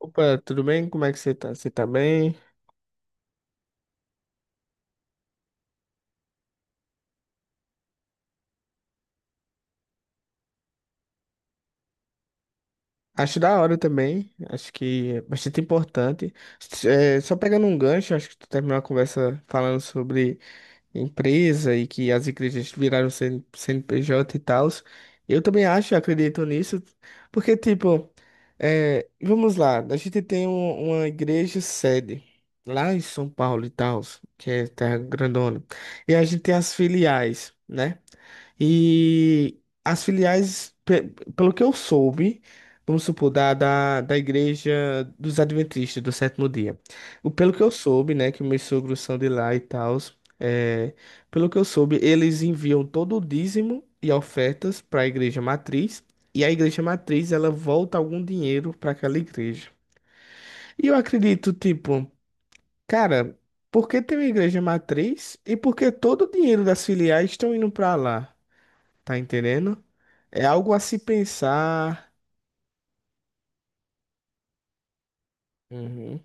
Opa, tudo bem? Como é que você tá? Você tá bem? Acho da hora também. Acho que é bastante importante. Só pegando um gancho, acho que tu terminou a conversa falando sobre empresa e que as igrejas viraram CN CNPJ e tal. Eu também acho, acredito nisso, porque, tipo, vamos lá, a gente tem uma igreja sede lá em São Paulo e tal, que é terra grandona, e a gente tem as filiais, né? E as filiais, pelo que eu soube, vamos supor, da Igreja dos Adventistas do Sétimo Dia. Pelo que eu soube, né, que meus sogros são de lá e tal, é, pelo que eu soube, eles enviam todo o dízimo e ofertas para a Igreja Matriz. E a Igreja Matriz, ela volta algum dinheiro para aquela igreja. E eu acredito, tipo, cara, por que tem uma Igreja Matriz e por que todo o dinheiro das filiais estão indo para lá? Tá entendendo? É algo a se pensar. Uhum.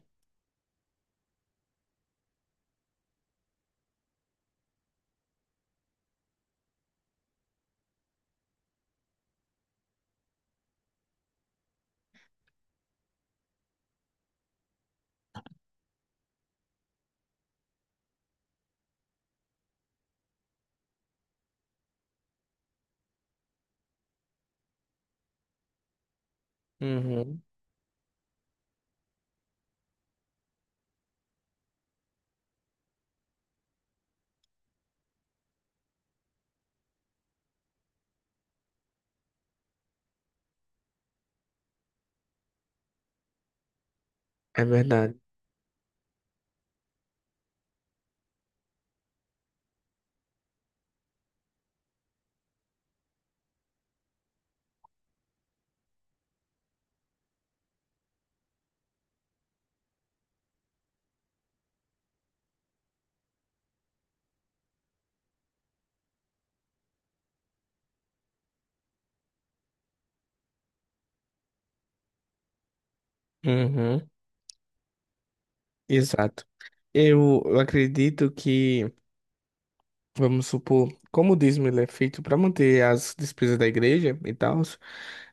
Uhum. É verdade. Uhum. Exato. Eu acredito que, vamos supor, como o dízimo ele é feito para manter as despesas da igreja e tal,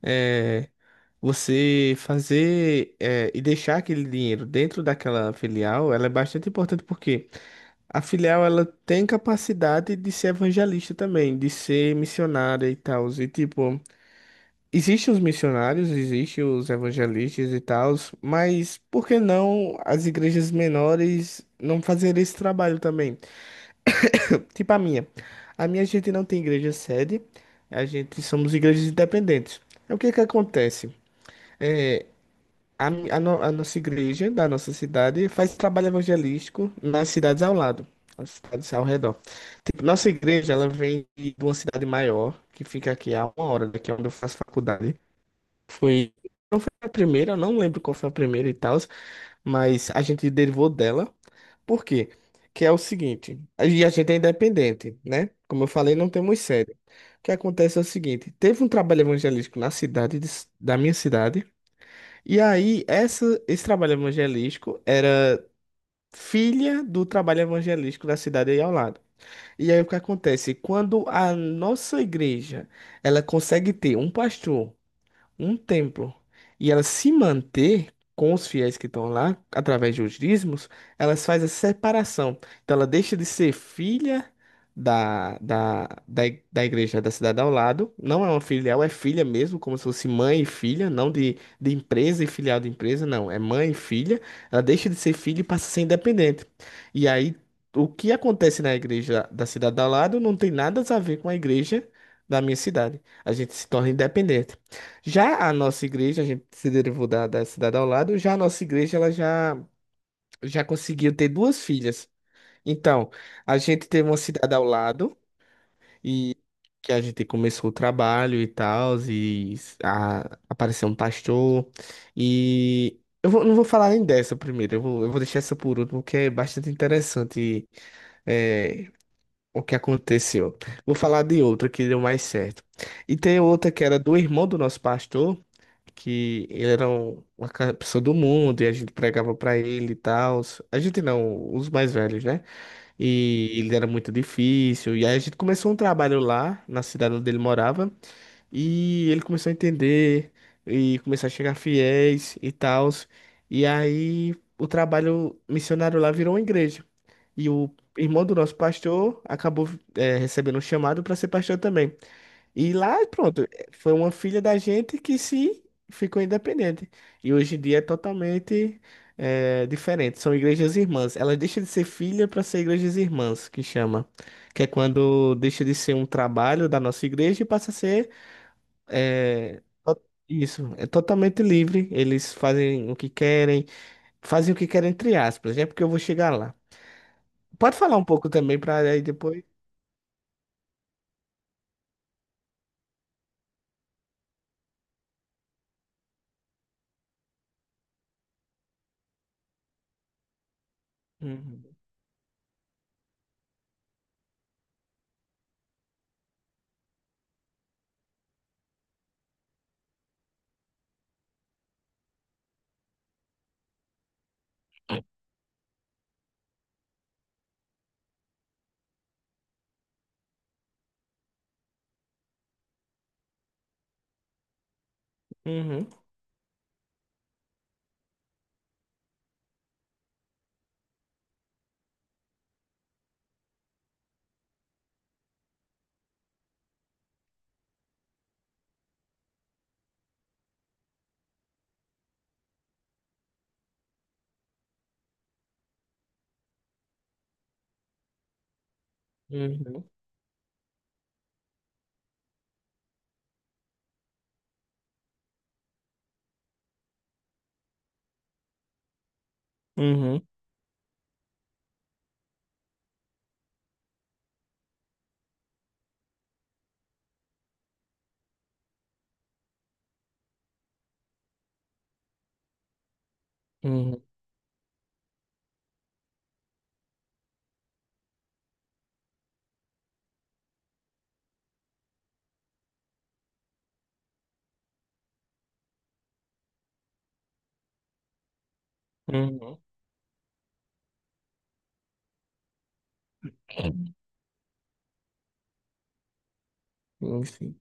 é, você fazer e deixar aquele dinheiro dentro daquela filial, ela é bastante importante porque a filial ela tem capacidade de ser evangelista também, de ser missionária e tal. E tipo, existem os missionários, existem os evangelistas e tal, mas por que não as igrejas menores não fazerem esse trabalho também? Tipo a minha. A minha gente não tem igreja sede, a gente somos igrejas independentes. É, o que que acontece? É, a no- a nossa igreja da nossa cidade faz trabalho evangelístico nas cidades ao lado, nas cidades ao redor. Tipo, nossa igreja, ela vem de uma cidade maior, que fica aqui a uma hora daqui onde eu faço faculdade. Foi. Não foi a primeira, eu não lembro qual foi a primeira e tal, mas a gente derivou dela. Por quê? Que é o seguinte, e a gente é independente, né? Como eu falei, não temos sede. O que acontece é o seguinte, teve um trabalho evangelístico na cidade, da minha cidade, e aí esse trabalho evangelístico é filha do trabalho evangelístico da cidade aí ao lado. E aí o que acontece? Quando a nossa igreja, ela consegue ter um pastor, um templo, e ela se manter com os fiéis que estão lá, através de os dízimos, elas faz a separação. Então ela deixa de ser filha da igreja da cidade ao lado, não é uma filial, é filha mesmo, como se fosse mãe e filha, não de empresa e filial de empresa, não, é mãe e filha. Ela deixa de ser filha e passa a ser independente. E aí, o que acontece na igreja da cidade ao lado não tem nada a ver com a igreja da minha cidade. A gente se torna independente. Já a nossa igreja, a gente se derivou da cidade ao lado, já a nossa igreja ela já, conseguiu ter duas filhas. Então, a gente teve uma cidade ao lado e que a gente começou o trabalho e tal, e apareceu um pastor. E não vou falar nem dessa primeiro, eu vou, deixar essa por último, porque é bastante interessante, é, o que aconteceu. Vou falar de outra que deu mais certo. E tem outra que era do irmão do nosso pastor, que ele era uma pessoa do mundo e a gente pregava pra ele e tal. A gente não, os mais velhos, né? E ele era muito difícil. E aí a gente começou um trabalho lá na cidade onde ele morava e ele começou a entender e começou a chegar fiéis e tal. E aí o trabalho missionário lá virou uma igreja. E o irmão do nosso pastor acabou recebendo um chamado para ser pastor também. E lá, pronto, foi uma filha da gente que se ficou independente. E hoje em dia é totalmente diferente. São igrejas irmãs. Ela deixa de ser filha para ser igrejas irmãs, que chama. Que é quando deixa de ser um trabalho da nossa igreja e passa a ser é, to- isso, é totalmente livre. Eles fazem o que querem, fazem o que querem entre aspas, é porque eu vou chegar lá. Pode falar um pouco também para aí depois. Uhum. Uhum. Uhum. Uhum. Uhum. Uhum. Uhum. Sim.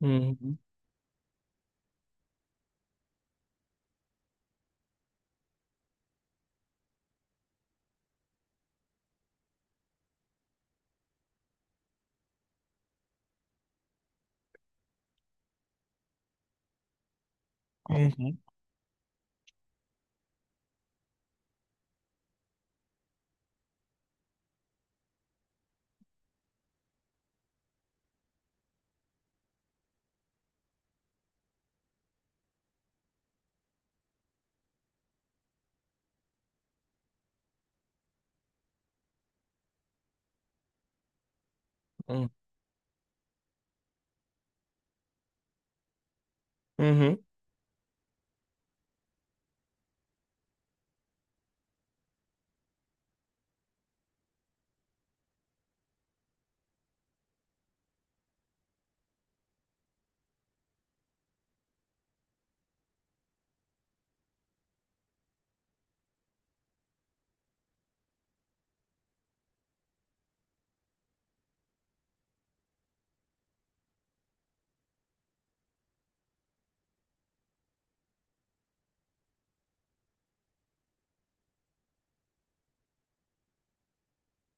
Uhum. Uhum. Uhum. Uhum.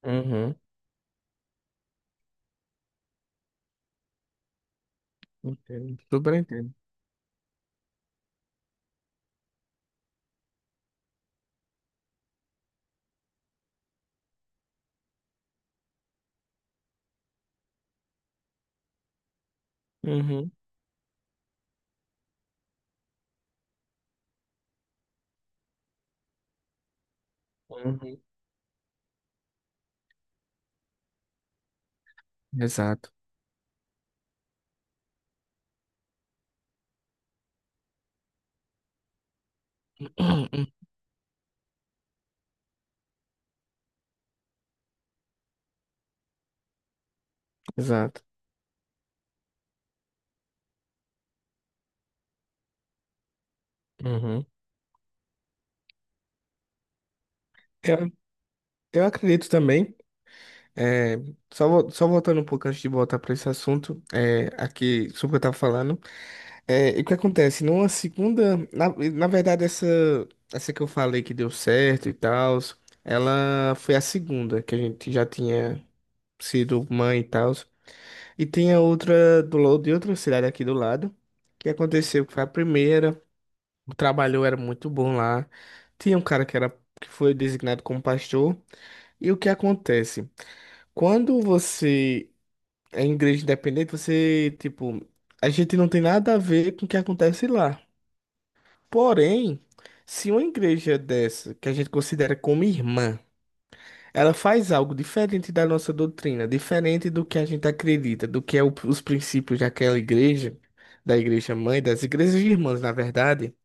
Uhum. Entendo. Super entendo. Uhum. Uhum. Exato. Uhum. Exato. Uhum. Eu, eu acredito também. é, Só, só voltando um pouco antes de voltar para esse assunto, aqui sobre o que eu estava falando. E o que acontece? Numa segunda. Na verdade, essa que eu falei que deu certo e tal, ela foi a segunda, que a gente já tinha sido mãe e tal. E tinha outra de outra cidade aqui do lado, que aconteceu, que foi a primeira. O trabalho era muito bom lá. Tinha um cara que era, que foi designado como pastor. E o que acontece? Quando você é em igreja independente, você, tipo, a gente não tem nada a ver com o que acontece lá. Porém, se uma igreja dessa, que a gente considera como irmã, ela faz algo diferente da nossa doutrina, diferente do que a gente acredita, do que é os princípios daquela igreja, da igreja mãe, das igrejas irmãs, na verdade,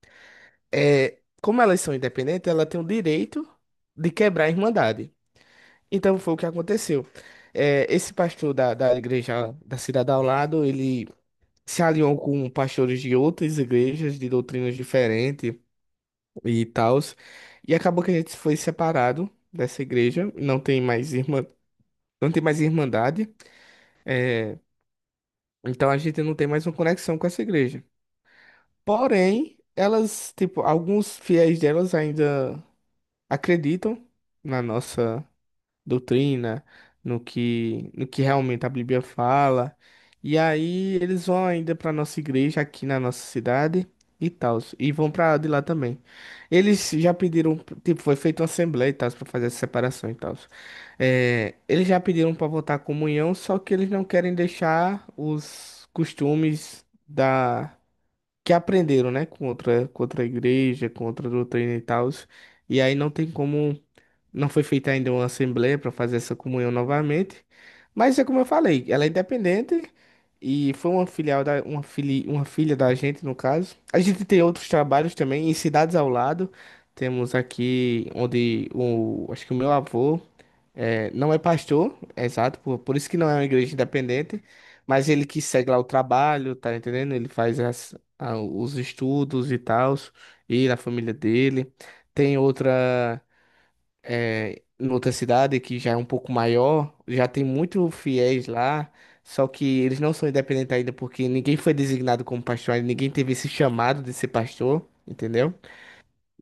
como elas são independentes, ela tem o direito de quebrar a irmandade. Então foi o que aconteceu. Esse pastor da igreja da cidade ao lado, ele se alinhou com pastores de outras igrejas, de doutrinas diferentes e tal. E acabou que a gente foi separado dessa igreja, não tem mais irmã, não tem mais irmandade. é, então a gente não tem mais uma conexão com essa igreja. Porém, elas, tipo, alguns fiéis delas ainda acreditam na nossa doutrina, no que realmente a Bíblia fala. E aí eles vão ainda para nossa igreja aqui na nossa cidade e tal, e vão para de lá também. Eles já pediram, tipo, foi feita uma assembleia e tal para fazer essa separação e tal. Eles já pediram para votar comunhão, só que eles não querem deixar os costumes da que aprenderam, né, com outra igreja, com outra doutrina e tal. E aí não tem como, não foi feita ainda uma assembleia para fazer essa comunhão novamente, mas é como eu falei, ela é independente e foi uma filial uma filha da gente no caso. A gente tem outros trabalhos também em cidades ao lado. Temos aqui onde o acho que o meu avô não é pastor, é exato, por isso que não é uma igreja independente, mas ele que segue lá o trabalho, tá entendendo? Ele faz os estudos e tal, e da família dele. Tem outra, em outra cidade que já é um pouco maior, já tem muito fiéis lá, só que eles não são independentes ainda porque ninguém foi designado como pastor, ainda ninguém teve esse chamado de ser pastor, entendeu?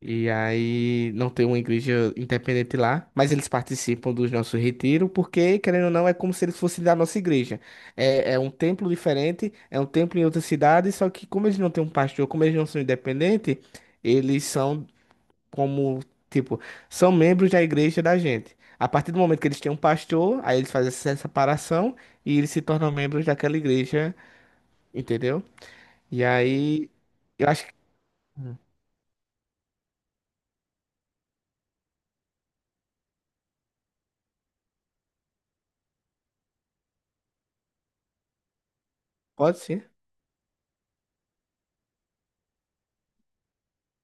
E aí não tem uma igreja independente lá, mas eles participam dos nossos retiros porque, querendo ou não, é como se eles fossem da nossa igreja. É um templo diferente, é um templo em outra cidade, só que como eles não têm um pastor, como eles não são independentes, eles são como, tipo, são membros da igreja da gente. A partir do momento que eles têm um pastor, aí eles fazem essa separação e eles se tornam membros daquela igreja, entendeu? E aí, pode sim.